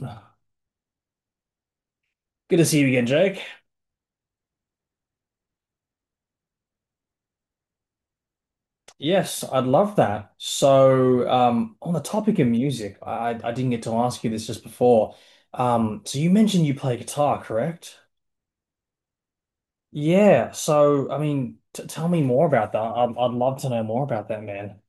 Good to see you again, Jake. Yes, I'd love that. So, on the topic of music, I didn't get to ask you this just before. So you mentioned you play guitar, correct? Yeah. So, I mean, t tell me more about that. I'd love to know more about that, man.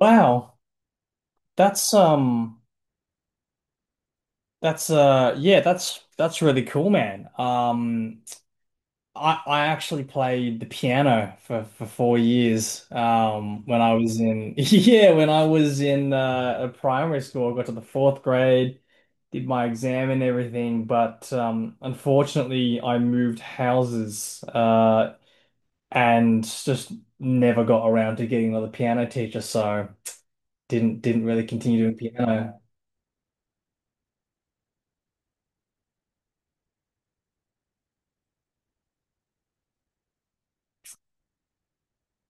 Wow, that's um, that's yeah, that's really cool, man. I actually played the piano for 4 years when I was in yeah when I was in primary school. I got to the fourth grade, did my exam and everything, but unfortunately I moved houses, and just never got around to getting another piano teacher, so didn't really continue doing piano.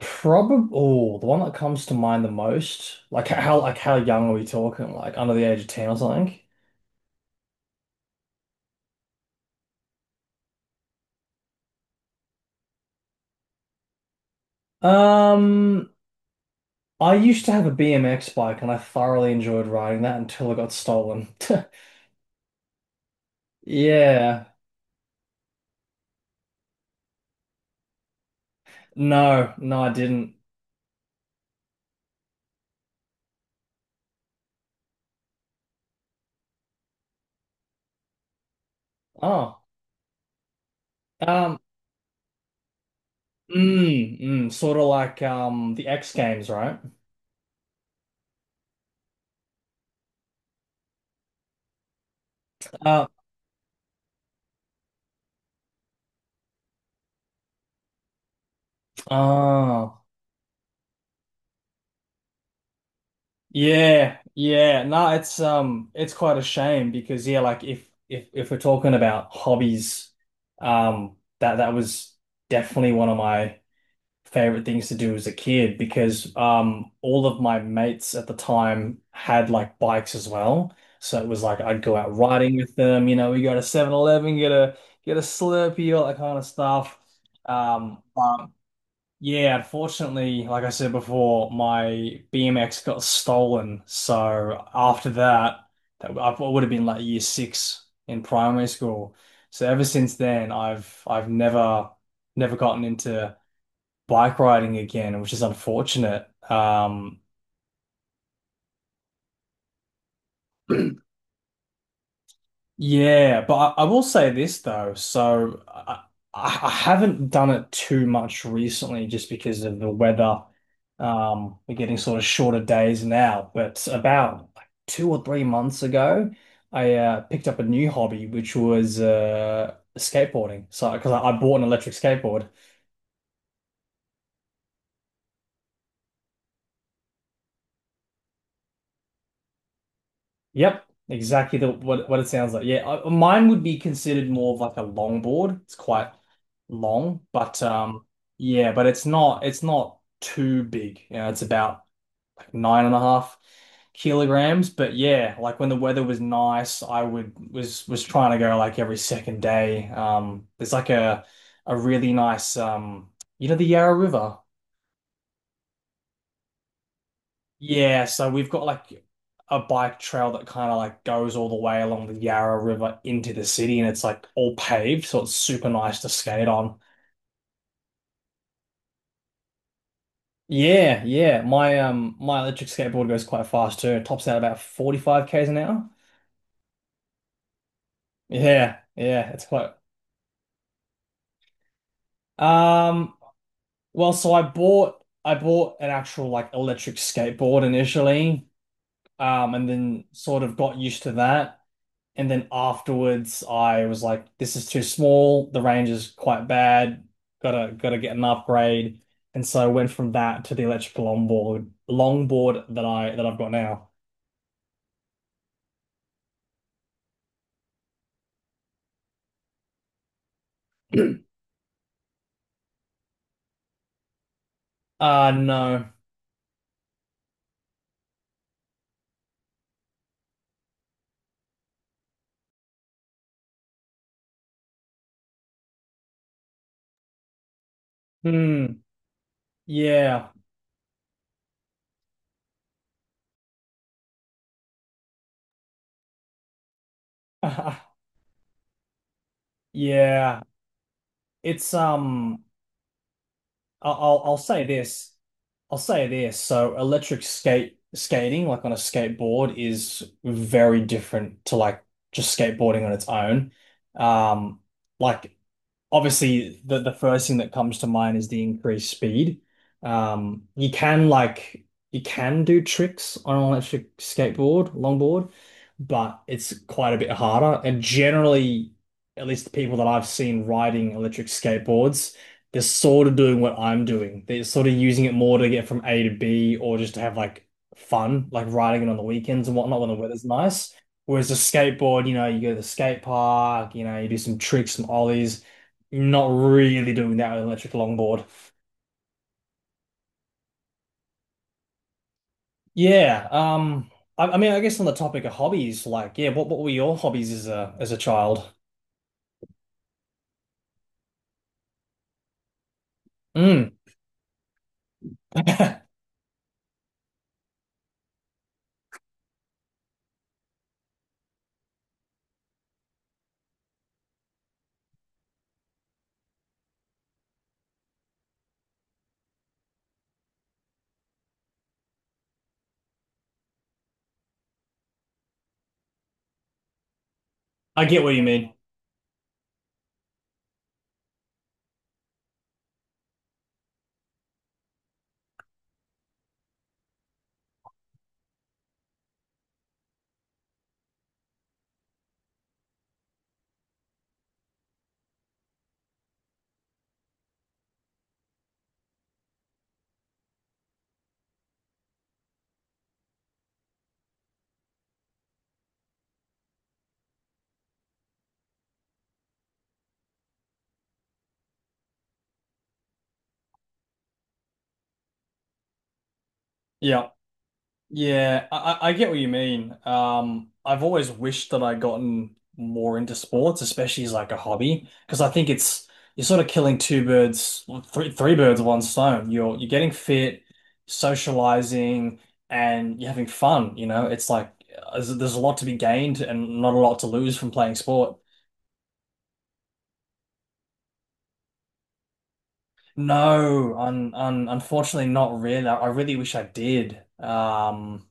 Probably, oh, the one that comes to mind the most, like how, like how young are we talking? Like under the age of 10 or something? Um, I used to have a BMX bike and I thoroughly enjoyed riding that until it got stolen. Yeah. No, no, I didn't. Oh. Um, sort of like the X Games, right? Uh, oh. Yeah. Yeah. No, it's quite a shame because, yeah, like if we're talking about hobbies, that was definitely one of my favorite things to do as a kid, because all of my mates at the time had like bikes as well. So it was like I'd go out riding with them, you know, we go to 7-Eleven, get a Slurpee, all that kind of stuff. Um, um yeah, unfortunately, like I said before, my BMX got stolen. So after that, that I would have been like year six in primary school. So ever since then, I've never never gotten into bike riding again, which is unfortunate. Yeah, but I will say this though. So I, I haven't done it too much recently just because of the weather. We're getting sort of shorter days now, but about like 2 or 3 months ago, I picked up a new hobby, which was skateboarding. So because I bought an electric skateboard. Yep, exactly the what it sounds like. Yeah, I, mine would be considered more of like a longboard. It's quite long, but yeah, but it's not too big. You know, it's about like 9.5 kilograms. But yeah, like when the weather was nice, I would was trying to go like every second day. There's like a really nice, you know, the Yarra River. Yeah, so we've got like a bike trail that kind of like goes all the way along the Yarra River into the city, and it's like all paved, so it's super nice to skate on. Yeah, yeah. My electric skateboard goes quite fast too. It tops out about 45 k's an hour. Yeah, yeah, it's quite um well, so I bought an actual like electric skateboard initially, and then sort of got used to that. And then afterwards, I was like, this is too small. The range is quite bad. Gotta get an upgrade. And so I went from that to the electrical longboard, longboard that I that I've got now. Uh, no. Hmm. Yeah. Yeah. It's. I'll say this. I'll say this. So electric skate skating, like on a skateboard, is very different to like just skateboarding on its own. Um, like, obviously, the first thing that comes to mind is the increased speed. Um, you can like you can do tricks on an electric skateboard, longboard, but it's quite a bit harder. And generally, at least the people that I've seen riding electric skateboards, they're sort of doing what I'm doing. They're sort of using it more to get from A to B, or just to have like fun, like riding it on the weekends and whatnot when the weather's nice. Whereas the skateboard, you know, you go to the skate park, you know, you do some tricks, some ollies. Not really doing that with an electric longboard. Yeah. I mean, I guess on the topic of hobbies, like, yeah, what were your hobbies as a child? Mm. I get what you mean. Yeah. Yeah, I, I get what you mean. I've always wished that I'd gotten more into sports, especially as like a hobby, because I think it's you're sort of killing two birds, well, three birds with one stone. You're getting fit, socializing, and you're having fun. You know, it's like, there's a lot to be gained and not a lot to lose from playing sport. Unfortunately, not really. I really wish I did. Um.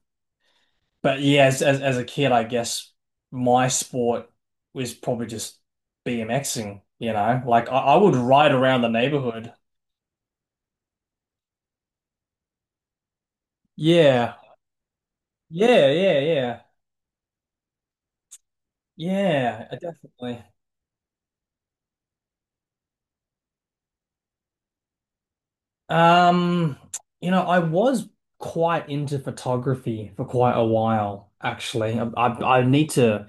But yeah, as a kid, I guess my sport was probably just BMXing, you know? Like I would ride around the neighborhood. Yeah. Yeah, yeah, yeah. Yeah, definitely. Um, you know, I was quite into photography for quite a while, actually. I need to,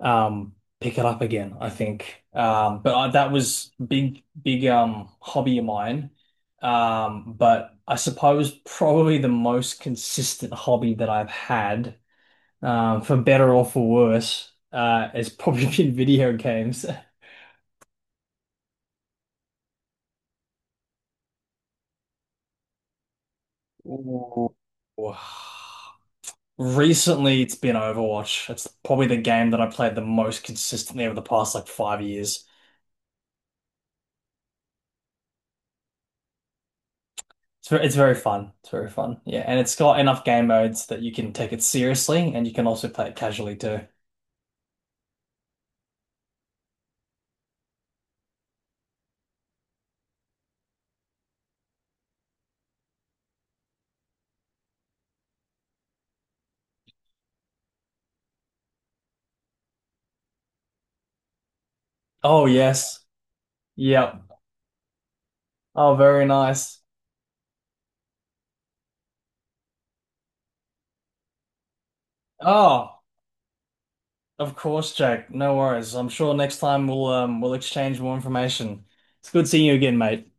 um, pick it up again, I think. But I, that was big hobby of mine. But I suppose probably the most consistent hobby that I've had, for better or for worse, has probably been video games. Ooh. Recently, it's been Overwatch. It's probably the game that I played the most consistently over the past like 5 years. It's very fun. It's very fun. Yeah, and it's got enough game modes that you can take it seriously and you can also play it casually too. Oh, yes. Yep. Oh, very nice. Oh, of course, Jake. No worries. I'm sure next time we'll exchange more information. It's good seeing you again, mate.